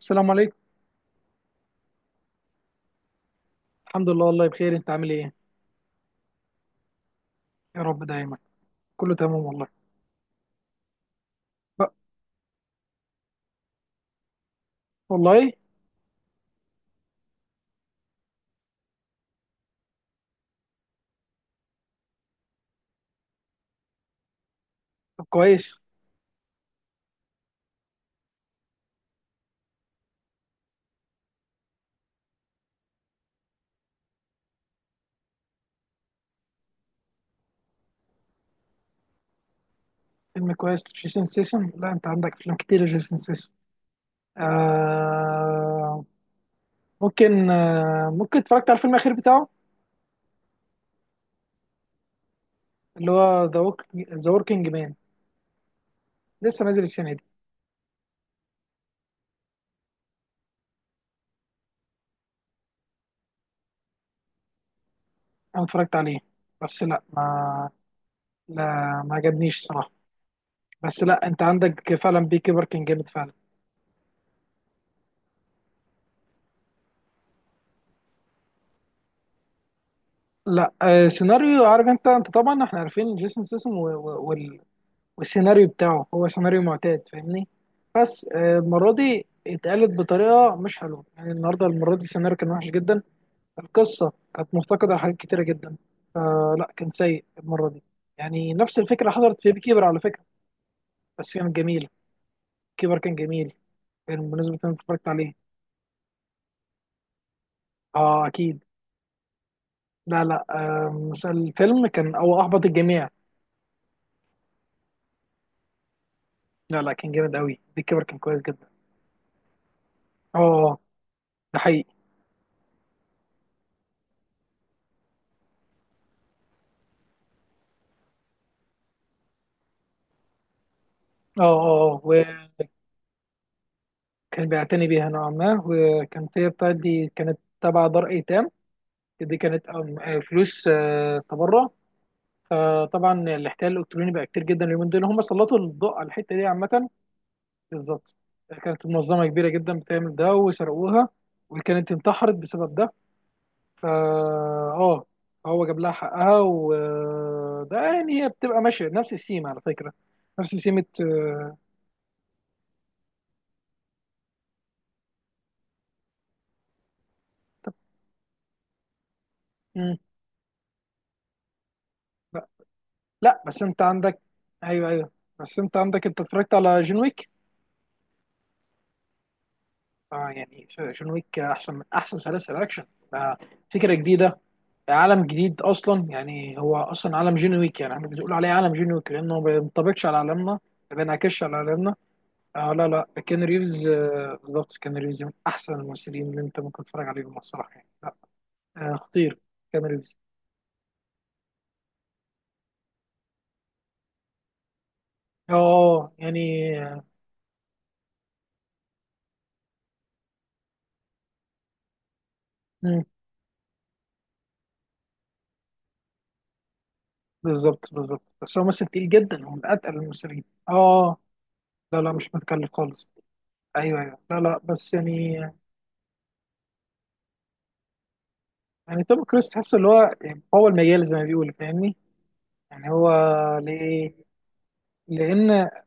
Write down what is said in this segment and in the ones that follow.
السلام عليكم. الحمد لله، والله بخير. انت عامل ايه؟ يا رب دايما. كله تمام والله. بقى. والله. طب كويس. فيلم كويس، جيسون سيسن؟ لا، انت عندك افلام كتير يا جيسون سيسن. آه. ممكن اتفرجت على الفيلم الاخير بتاعه؟ اللي هو ذا ووك ذا وركينج مان، لسه نازل السنه دي. انا اتفرجت عليه. بس لا ما لا، ما عجبنيش الصراحه. بس لا، انت عندك فعلا، بي كيبر كان جامد فعلا. لا. سيناريو. عارف انت طبعا احنا عارفين جيسون سيسن. والسيناريو بتاعه هو سيناريو معتاد، فاهمني. بس المرة دي اتقالت بطريقة مش حلوة. يعني النهاردة، المرة دي، السيناريو كان وحش جدا. القصة كانت مفتقدة لحاجات كتيرة جدا. فلا، كان سيء المرة دي. يعني نفس الفكرة حصلت في بيكيبر، على فكرة. بس كانت جميلة. كيبر كان جميل. كان بالنسبة لي اتفرجت عليه. اه اكيد. لا، لا، مثلا الفيلم كان، او احبط الجميع. لا، لا، كان جامد قوي. بيكيبر كان كويس جدا. اه. ده حقيقي. اه، اه. كان بيعتني بيها نوعا ما، وكانت هي بتاعتي كانت تبع دار ايتام. دي كانت فلوس تبرع. فطبعا الاحتيال الالكتروني بقى كتير جدا اليومين دول، هم سلطوا الضوء على الحته دي عامه. بالظبط. كانت منظمه كبيره جدا بتعمل ده، وسرقوها. وكانت انتحرت بسبب ده. فا اه هو جاب لها حقها، وده يعني هي بتبقى ماشيه نفس السيم على فكره. نفس سيمه. طب- مم. لا، بس انت عندك. ايوه، ايوه. بس انت عندك، انت اتفرجت على جون ويك؟ اه، يعني جون ويك احسن من احسن سلاسل اكشن. آه، فكره جديده. عالم جديد اصلا، يعني هو اصلا عالم جون ويك، يعني احنا بنقول عليه عالم جون ويك لانه ما بينطبقش على عالمنا، ما بينعكسش على عالمنا. آه، لا، لا، كين ريفز، بالظبط، كين ريفز من احسن الممثلين اللي انت ممكن تتفرج عليهم الصراحه، يعني لا. آه، خطير. كين ريفز. اه، يعني آه، مم، بالظبط، بالظبط. بس هو ممثل تقيل جدا، هو من اتقل الممثلين. اه، لا، لا، مش متكلف خالص. ايوه، ايوه، لا، لا، بس يعني. يعني توم كروز تحس اللي هو، يعني هو المجال زي ما بيقول، فاهمني. يعني هو. ليه؟ لان اه.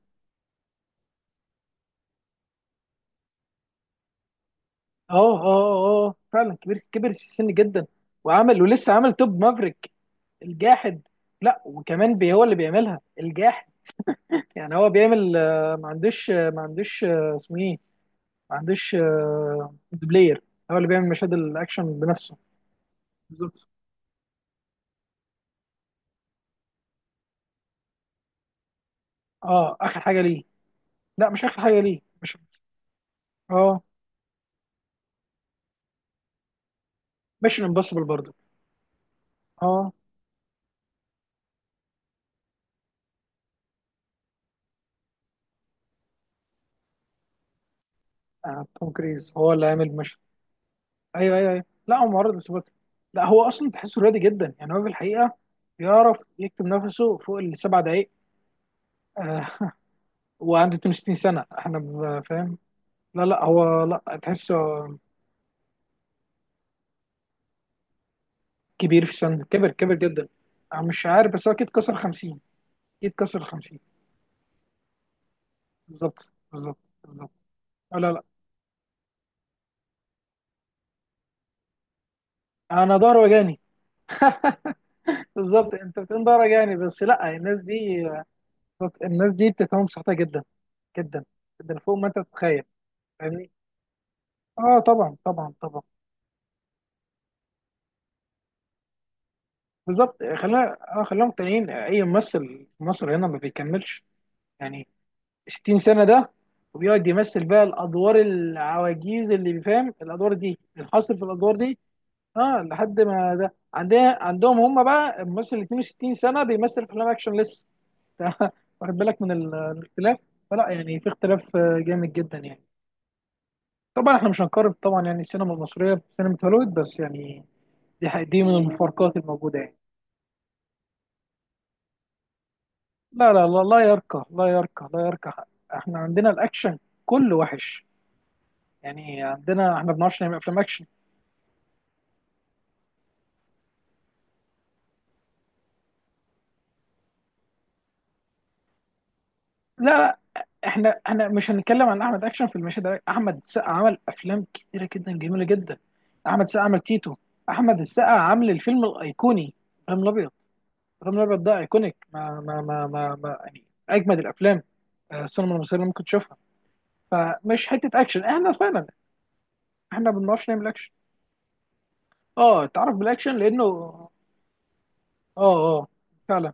اه، اه، فعلا، كبير، كبر في السن جدا. وعمل ولسه عمل توب مافريك، الجاحد. لا، وكمان هو اللي بيعملها، الجاحد. يعني هو بيعمل، ما عندوش آه، ما عندوش آه، اسمه ايه؟ ما عندوش دوبلير. هو اللي بيعمل مشاهد الاكشن بنفسه. بالظبط. اه، اخر حاجه ليه. لا مش اخر حاجه ليه مش اه، ميشن امبوسيبل برضه. اه، توم كريز هو اللي عامل ميشن. ايوه، ايوه، ايوه، لا، هو معرض للإصابات. لا، هو اصلا تحسه رياضي جدا، يعني هو في الحقيقه بيعرف يكتب نفسه فوق السبع دقايق. آه. وعنده 62 سنه، احنا فاهم. لا، لا، هو، لا تحسه، كبير في السن، كبر كبر جدا. انا مش عارف، بس هو اكيد كسر 50. اكيد كسر 50. بالظبط، بالظبط، بالظبط. آه، لا، لا. انا ضهري وجعني. بالظبط، انت بتقول ضهري وجعني، بس لا، الناس دي. الناس دي بتفهم صحتها جدا، جدا جدا فوق ما انت تتخيل. فاهمني. اه، طبعا، طبعا، طبعا. بالظبط، خلينا مقتنعين، اي ممثل في مصر هنا ما بيكملش، يعني 60 سنه ده، وبيقعد يمثل بقى الادوار العواجيز، اللي بيفهم الادوار دي الحاصل في الادوار دي. اه، لحد ما ده عندنا. عندهم هم بقى الممثل 62 سنه بيمثل افلام اكشن لسه. ده، واخد بالك من الاختلاف؟ فلا، يعني في اختلاف جامد جدا، يعني. طبعا احنا مش هنقارن طبعا يعني السينما المصريه بسينما هوليوود، بس يعني دي حقيقة، دي من المفارقات الموجودة يعني. لا، لا، لا، لا يرقى، لا يرقى، لا يرقى، حق. احنا عندنا الاكشن كله وحش. يعني عندنا احنا ما بنعرفش نعمل افلام اكشن. لا، لا، احنا مش هنتكلم عن احمد اكشن في المشهد ده. احمد السقا عمل افلام كتيرة جدا، جميلة جدا. احمد السقا عمل تيتو. احمد السقا عامل الفيلم الايقوني، ابراهيم الابيض. ابراهيم الابيض ده ايكونيك، ما يعني اجمد الافلام، السينما المصرية اللي ممكن تشوفها. فمش حتة اكشن، احنا فعلا احنا ما بنعرفش نعمل اكشن. اه، تعرف بالاكشن لانه اه. اه، فعلا.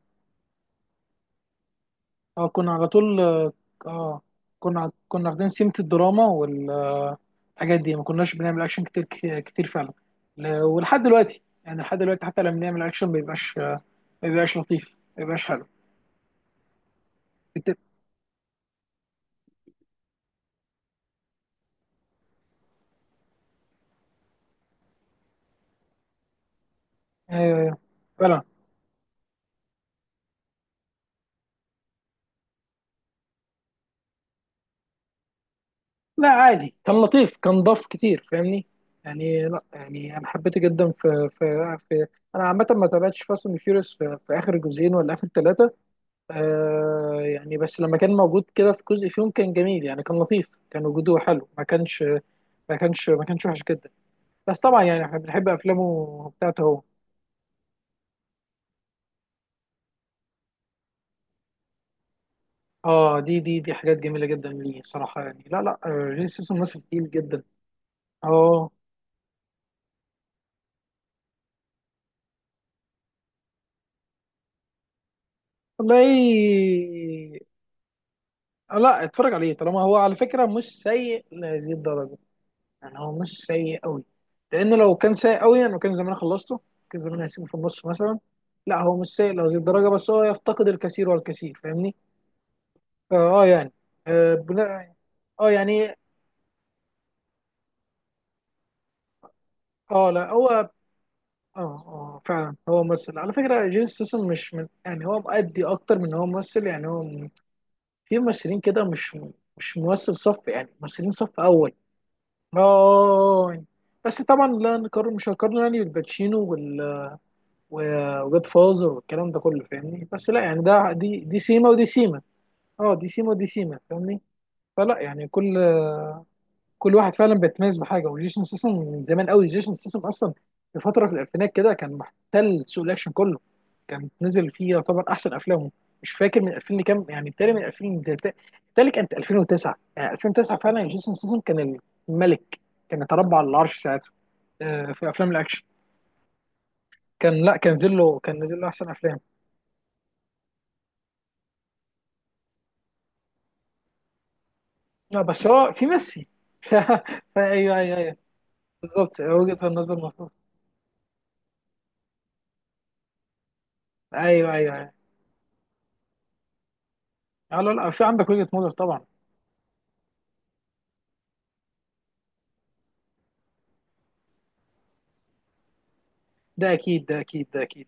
اه، كنا على طول اه، آه، كنا واخدين سمة الدراما والحاجات دي، ما كناش بنعمل اكشن كتير، كتير فعلا. ولحد دلوقتي، يعني لحد دلوقتي حتى لما بنعمل اكشن، ما بيبقاش، ما بيبقاش لطيف، ما بيبقاش حلو. بت-. آه، فعلا. لا عادي، كان لطيف، كان ضاف كتير، فاهمني. يعني لا، يعني انا حبيته جدا في. انا عامه ما تابعتش فاست اند فيوريوس في اخر جزئين ولا اخر ثلاثه. آه، يعني بس لما كان موجود كده في جزء فيهم كان جميل، يعني كان لطيف، كان وجوده حلو، ما كانش، ما كانش وحش جدا. بس طبعا يعني احنا بنحب افلامه بتاعته هو. اه، دي حاجات جميله جدا ليه صراحه، يعني لا، لا، جيسون سيسون ممثل تقيل جدا. اه، والله. لا، اتفرج عليه طالما هو على فكره مش سيء لهذه الدرجه. يعني هو مش سيء قوي. لان لو كان سيء قوي، انا كان زمان خلصته، كان زمان هسيبه في النص مثلا. لا، هو مش سيء لهذه الدرجه، بس هو يفتقد الكثير والكثير، فاهمني. فاه يعني. اه، بناء. اه، يعني. اه، لا هو اه. اه، فعلا هو ممثل، على فكره جيسون ستاثام مش من يعني هو مؤدي اكتر من هو ممثل، يعني هو في ممثلين كده، مش، مش ممثل صف، يعني ممثلين صف اول. اه، آه، آه. بس طبعا لا نقارن، مش هنقارن يعني بالباتشينو وجود فازر والكلام ده كله، فاهمني. بس لا يعني ده دي سيما ودي سيما. اه، دي سيما ودي سيما، فاهمني. فلا، يعني كل، كل واحد فعلا بيتميز بحاجه، وجيسون سيسن من زمان قوي، جيسون سيسن اصلا في فتره في الالفينات كده كان محتل سوق الاكشن كله، كان نزل فيه يعتبر احسن افلامه. مش فاكر من 2000 لكام، يعني بالتالي من 2000 بالتالي كانت 2009، يعني 2009 فعلا جيسون سيسن كان الملك، كان يتربع على العرش ساعتها، في افلام الاكشن. كان لا، كان نزل له احسن افلام. لا، بس هو في ميسي. ايوه، ايوه، ايوه. بالظبط، وجهة النظر مفهوم. ايوه، ايوه، ايوه، لا، لا، لا، في عندك وجهة نظر طبعا. ده اكيد، ده اكيد، ده اكيد.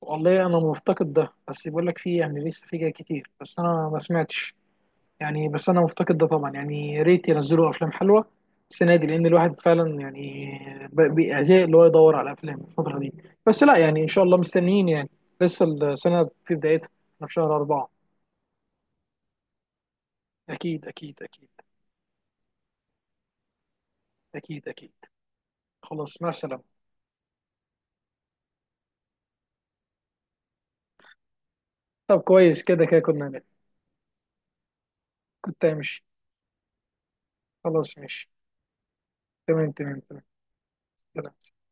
والله انا مفتقد ده، بس بقول لك في، يعني لسه في جاي كتير بس انا ما سمعتش، يعني. بس انا مفتقد ده طبعا، يعني يا ريت ينزلوا افلام حلوه السنه دي، لان الواحد فعلا يعني بيزهق اللي هو يدور على افلام الفتره دي. بس لا يعني ان شاء الله مستنيين، يعني لسه السنه في بدايتها. احنا في شهر اربعه. اكيد، اكيد، اكيد. اكيد، اكيد. خلاص، مع السلامة. طب كويس، كده كده كنا هناك. كنت همشي. خلاص، ماشي. تمام، تمام، تمام. سلام.